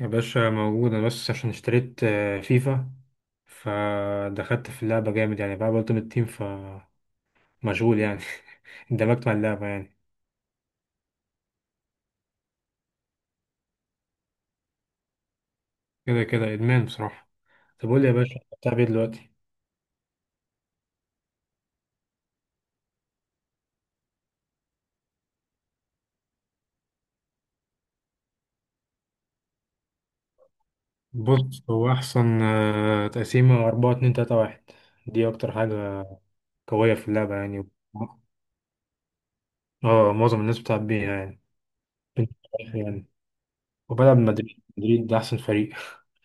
يا باشا موجودة بس عشان اشتريت فيفا. فدخلت في اللعبة جامد يعني، بقى التيم، فمشغول يعني. اندمجت مع اللعبة يعني. كده كده إدمان بصراحة. طب قول لي يا باشا، بتلعب ايه دلوقتي؟ بص، هو أحسن تقسيمة أربعة اتنين تلاتة واحد. دي أكتر حاجة قوية في اللعبة يعني. اه، معظم الناس بتلعب بيها يعني يعني. وبلعب مدريد، مدريد ده أحسن فريق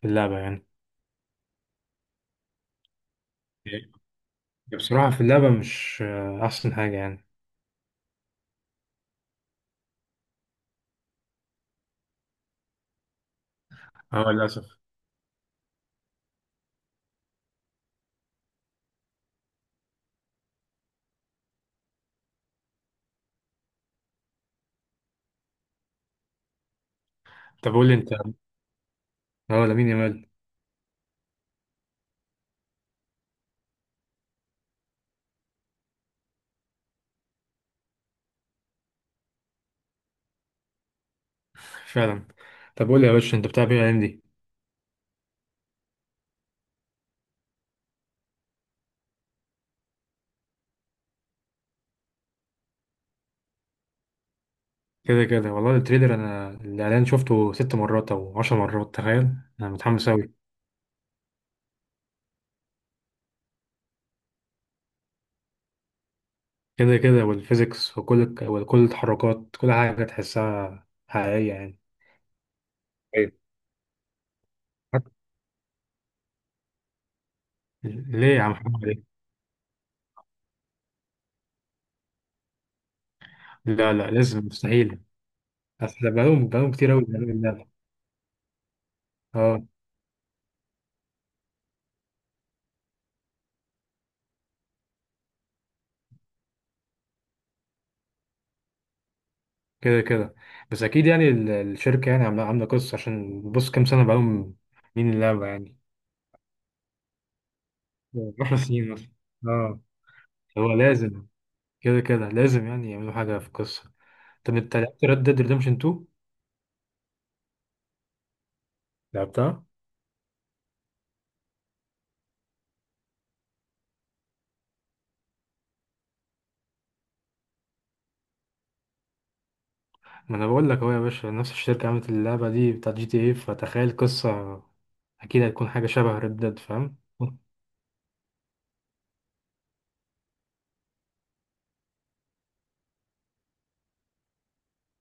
في اللعبة يعني. بصراحة في اللعبة مش أحسن حاجة يعني. اه، للأسف. طب قول لي انت. اه، لامين يامال. فعلا. طب قول لي يا باشا، انت بتلعب ايه الايام دي؟ كده كده، والله التريلر، انا الاعلان شفته ست مرات او عشر مرات، تخيل. انا متحمس اوي. كده كده، والفيزيكس وكل التحركات، كل حاجه تحسها حقيقيه يعني. ايوه. ليه يا عم محمد، ليه؟ لا لا، لازم، مستحيل. اصل بقالهم كتير قوي بيعملوا اللعبه. اه. كده كده. بس اكيد يعني، الشركه يعني عامله قصه، عشان بص كام سنه بقالهم عاملين اللعبه يعني. 10 سنين مثلا. اه، هو لازم. كده كده، لازم يعني يعملوا حاجة في القصة. طب انت لعبت ريد ديد ريدمشن 2؟ لعبتها. ما انا بقول لك اهو يا باشا، نفس الشركة عملت اللعبة دي بتاعت جي تي ايه، فتخيل قصة. اكيد هتكون حاجة شبه ريد ديد، فاهم؟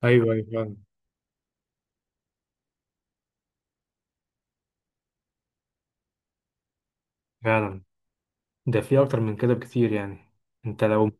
ايوه ايوه، فعلا. فعلا. ده في اكتر من كده بكتير يعني. انت لو.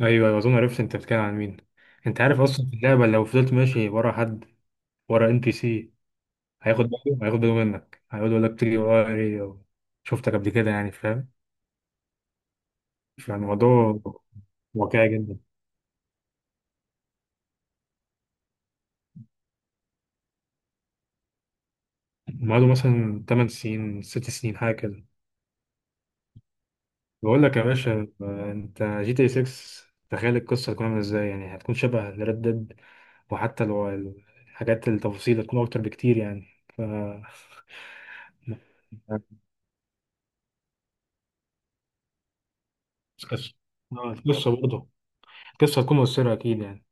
ايوه ايوه، اظن عرفت انت بتتكلم عن مين. انت عارف اصلا في اللعبة لو فضلت ماشي ورا حد، ورا ان بي سي، هياخد باله منك، هيقعد يقول لك تيجي ورا ايه، شفتك قبل كده يعني، فاهم؟ فالموضوع واقعي جدا. ومعاده مثلا 8 سنين، 6 سنين حاجة كده. بقول لك يا باشا، انت جي تي 6، تخيل القصة هتكون عاملة ازاي يعني، هتكون شبه ريد ديد. وحتى لو الحاجات، التفاصيل هتكون أكتر بكتير يعني. ف القصة. اه، القصة برضه. القصة هتكون مؤثرة أكيد يعني.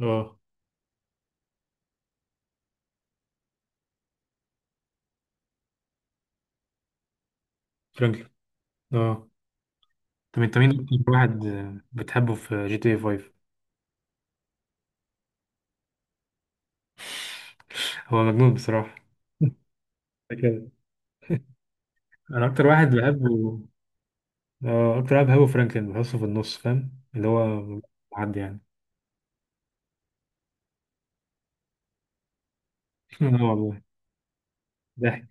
اه. فرانكلين. اه. طب انت مين أكتر واحد بتحبه في جي تي 5؟ هو مجنون بصراحة. كده. أنا أكتر واحد بحبه، أكتر لاعب، هو فرانكلين، بحسه في النص، فاهم، اللي هو حد يعني. لا والله. ضحك.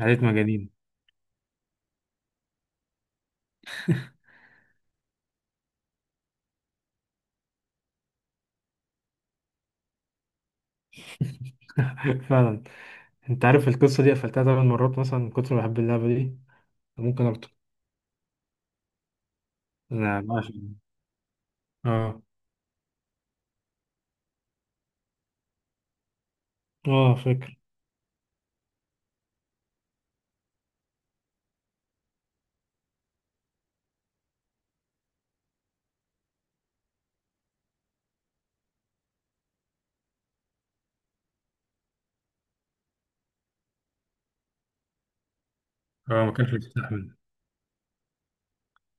عليت مجانين. فعلا. أنت عارف القصة دي قفلتها ثمان مرات مثلا من كتر ما بحب اللعبة دي. ممكن أكتر. أنا بعشق. اه. اه، فاكر. اه، ما كانش بيستحمل.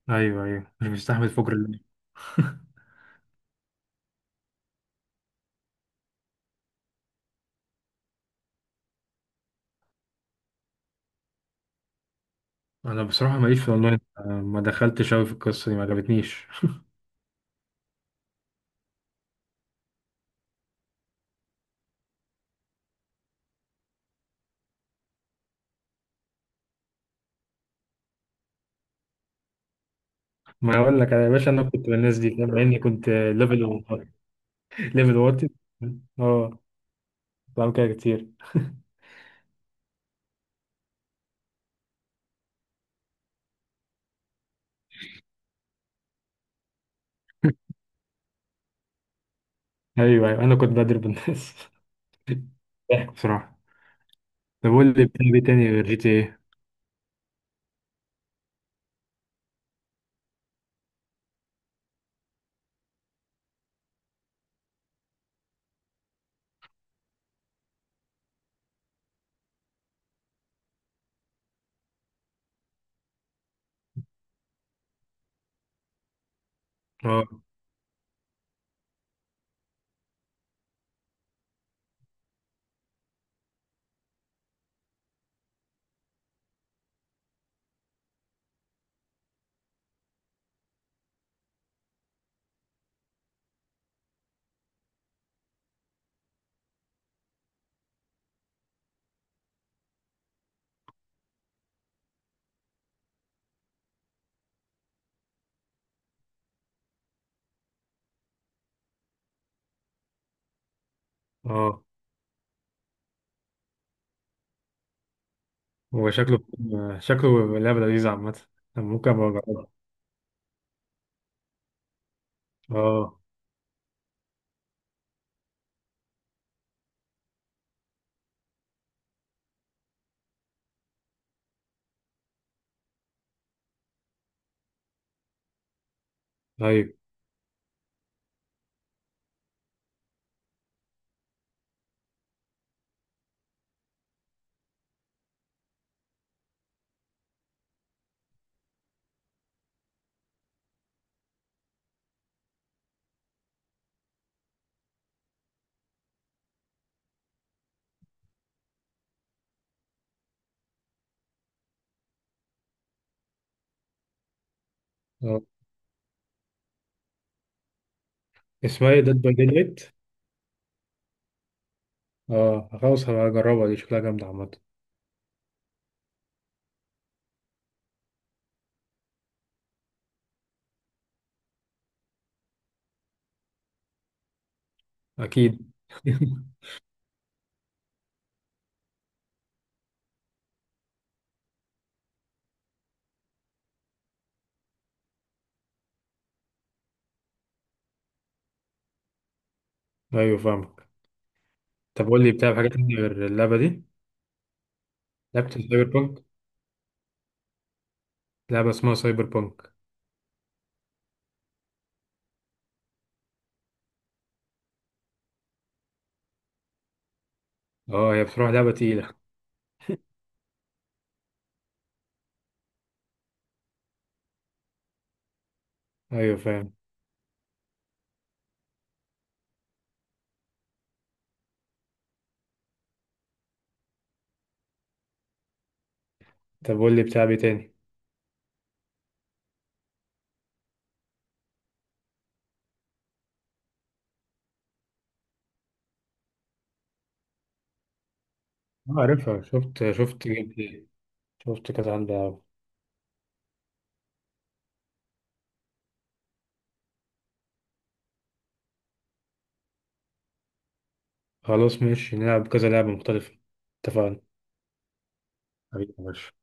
ايوه ايوه، مش بيستحمل، فجر اللعب. انا بصراحه ماليش في الاونلاين، ما دخلتش قوي في القصه دي، ما عجبتنيش. ما اقول لك انا يا باشا، انا كنت من الناس دي لما اني كنت ليفل، ليفل واطي. اه. بعمل كده كتير. ايوه ايوه، انا كنت بضرب الناس. ضحك بصراحه. طب قول لي بتلعب ايه تاني غير جي تي ايه؟ اه. اه. هو شكله، شكله لعبه لذيذه عامه. أنا ممكن ابقى اجربها. اه. ايوه. اه، اسمها ايه، ديد باي ديد لايت؟ اه خلاص، هبقى اجربها، دي شكلها جامده عامه. اكيد. ايوه فاهمك. طب قول لي بتلعب حاجه تانية غير اللعبه دي؟ لعبت سايبر بانك؟ لعبه اسمها سايبر بانك. اه، هي بصراحه لعبه تقيله. ايوه فاهم. طب قول لي بتلعب ايه تاني؟ اه عارفها، شفت جيم بلاي. شفت كذا، عندي أوي. خلاص ماشي، نلعب كذا لعبة مختلفة. اتفقنا. حبيبي يا باشا.